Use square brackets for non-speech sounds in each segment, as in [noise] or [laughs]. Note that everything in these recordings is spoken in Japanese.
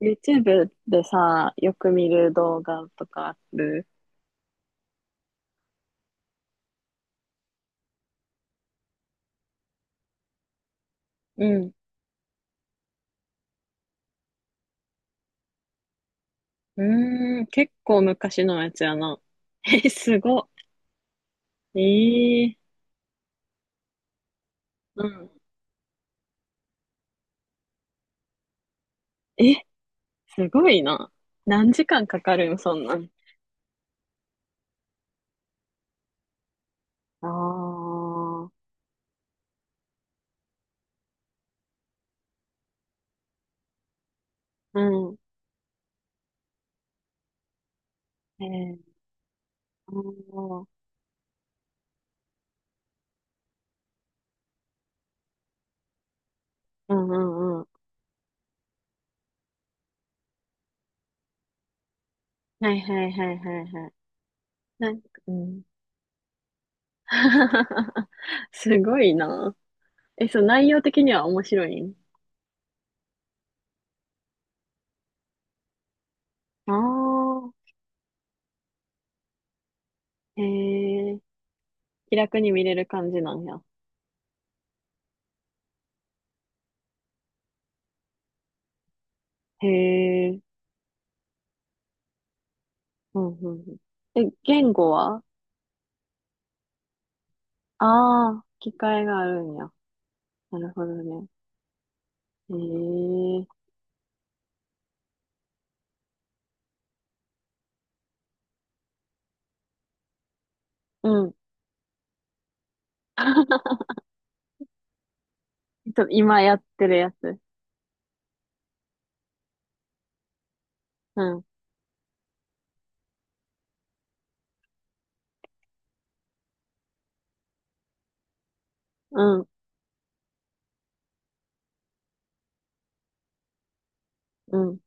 YouTube でさ、よく見る動画とかある？うん。うーん。結構昔のやつやな。[laughs] え、すご。ええ。うん。え、すごいな。何時間かかるん、そんなん。ああ。うん。えー、あー、うんうんうん。はいはいはいはいはい。なんか、うん。[laughs] すごいな。え、そう、内容的には面白いん？ああー、ー気楽に見れる感じなんや。へえ。うんうんうん。え、言語は？ああー、機会があるんや。なるほどね。へえ。うん。[laughs] ちょっと今やってるやつ。うん。うん。うん。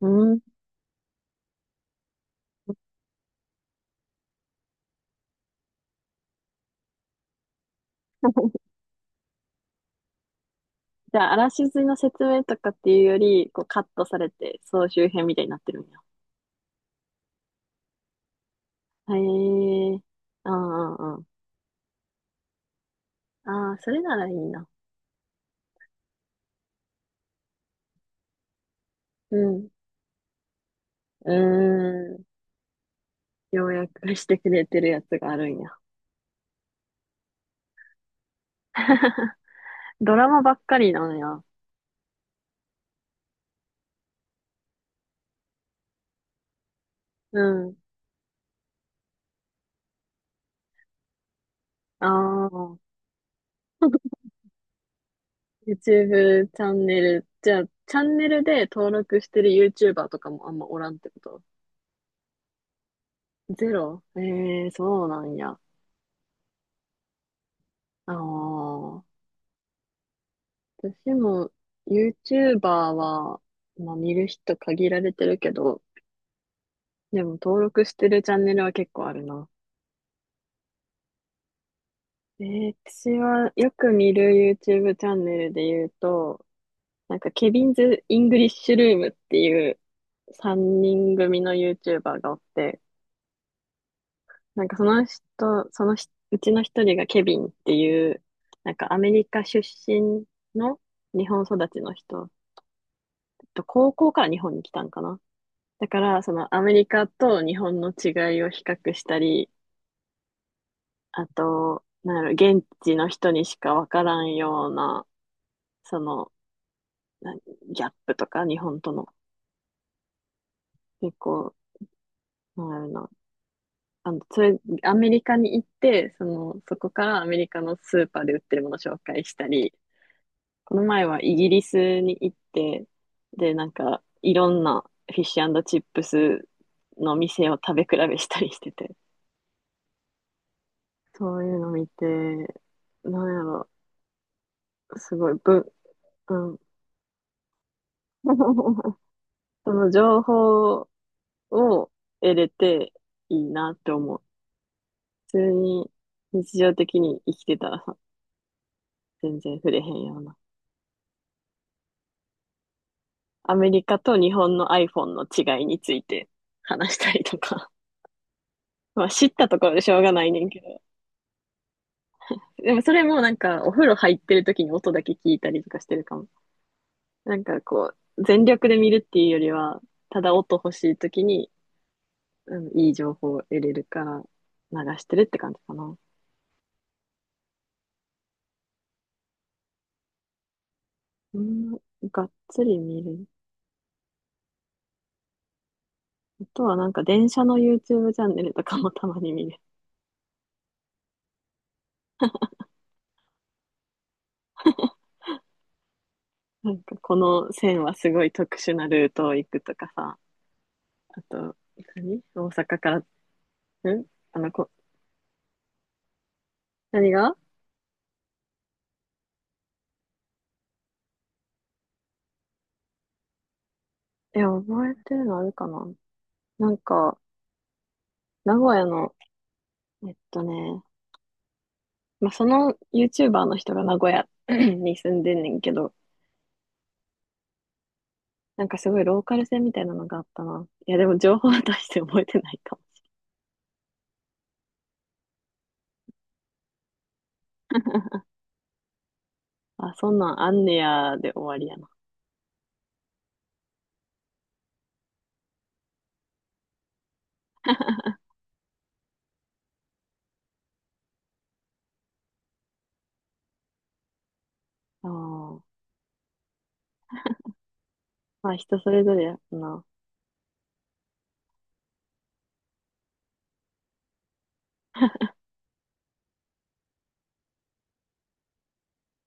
うん。[laughs] じゃあ、あらしずの説明とかっていうより、こうカットされて、総集編みたいになってるんや。へえ。ああ、ああ。ああ、それならいいな。うん。うーん。要約してくれてるやつがあるんや。[laughs] ドラマばっかりなんや。うん。ああ。YouTube チャンネル。じゃあ、チャンネルで登録してる YouTuber とかもあんまおらんってこと？ゼロ、ええー、そうなんや。ああ。私も YouTuber は、まあ見る人限られてるけど、でも登録してるチャンネルは結構あるな。私はよく見る YouTube チャンネルで言うと、なんか、ケビンズ・イングリッシュルームっていう3人組の YouTuber がおって、なんかその人、そのうちの一人がケビンっていう、なんかアメリカ出身の日本育ちの人、高校から日本に来たんかな。だから、そのアメリカと日本の違いを比較したり、あと、なんやろ、現地の人にしかわからんような、その、なギャップとか、日本との、結構、なんやろな、あの、それ、アメリカに行って、その、そこからアメリカのスーパーで売ってるものを紹介したり、この前はイギリスに行って、で、なんか、いろんなフィッシュチップスの店を食べ比べしたりしてて、そういうの見て、なんやろ、すごい、うん。[laughs] その情報を得れていいなって思う。普通に日常的に生きてたらさ、全然触れへんような。アメリカと日本の iPhone の違いについて話したりとか。[laughs] まあ知ったところでしょうがないねんけど。でもそれもなんかお風呂入ってる時に音だけ聞いたりとかしてるかも。なんかこう、全力で見るっていうよりは、ただ音欲しい時に、うん、いい情報を得れるから流してるって感じかな。うん、がっつり見る。あとはなんか電車の YouTube チャンネルとかもたまに見る。[laughs] なんかこの線はすごい特殊なルートを行くとかさ。あと、何、大阪から、ん、あの、こ、何が、いや、覚えてるのあるかな。なんか、名古屋の、えっとね、まあ、その YouTuber の人が名古屋 [coughs] [clears throat] に住んでんねんけど、なんかすごいローカル線みたいなのがあったな。いや、でも情報は大して覚えてないかも。あ、そんなんあんねやで終わりやな。ああ。まあ人それぞれやな。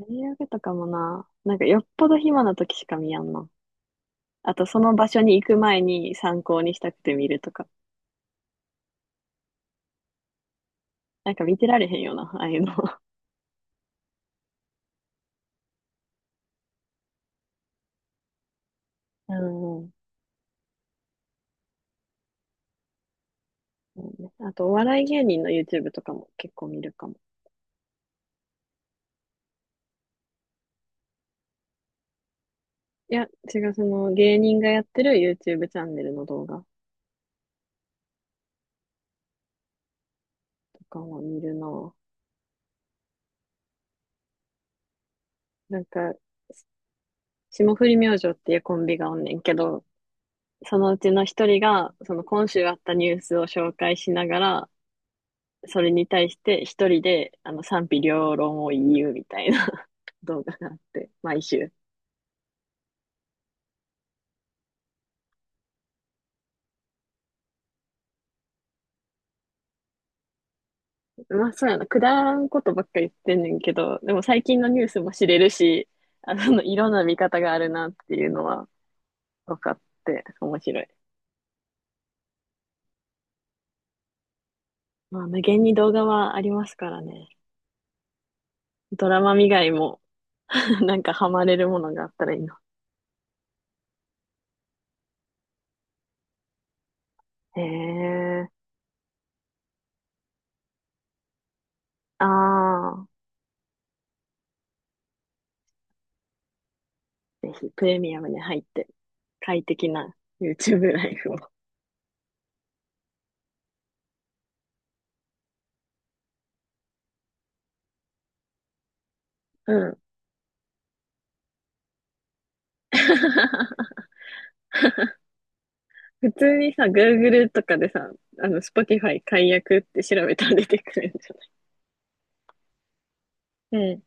大げとかもな、なんかよっぽど暇な時しか見やんな。あとその場所に行く前に参考にしたくて見るとか。なんか見てられへんよな、ああいうの。[laughs] うん。そうね、あと、お笑い芸人の YouTube とかも結構見るかも。いや、違う、その芸人がやってる YouTube チャンネルの動画とかも見るな。なんか、霜降り明星っていうコンビがおんねんけど、そのうちの一人が、その今週あったニュースを紹介しながら、それに対して一人で、あの、賛否両論を言うみたいな [laughs] 動画があって、毎週。まあ、そうやな。くだらんことばっかり言ってんねんけど、でも最近のニュースも知れるし、あの、いろんな見方があるなっていうのは、分かって、面白い。まあ、無限に動画はありますからね。ドラマ以外も [laughs] なんかハマれるものがあったらいいな。へえ。ああ、ぜひプレミアムに入って、快適な YouTube ライフを。うん。[laughs] 普通にさ、Google とかでさ、あの、Spotify 解約って調べたら出てくるんじゃない？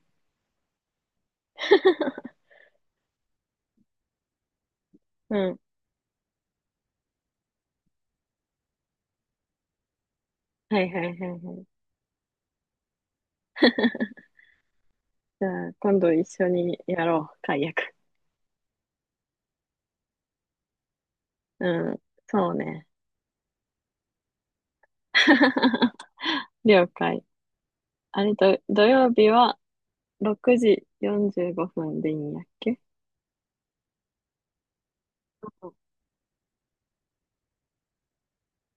うん、うん。はいはいはいはい。じゃあ、今度一緒にやろう、解約。うん、そうね。[laughs] 了解。あれと、土曜日は6時45分でいいんやっけ？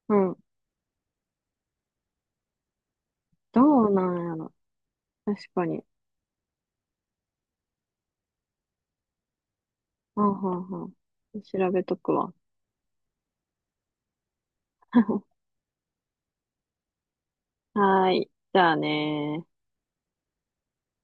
うん。どうなんやろ。確かに。うんうんうん。調べとくわ。[laughs] はーい。じゃあねー。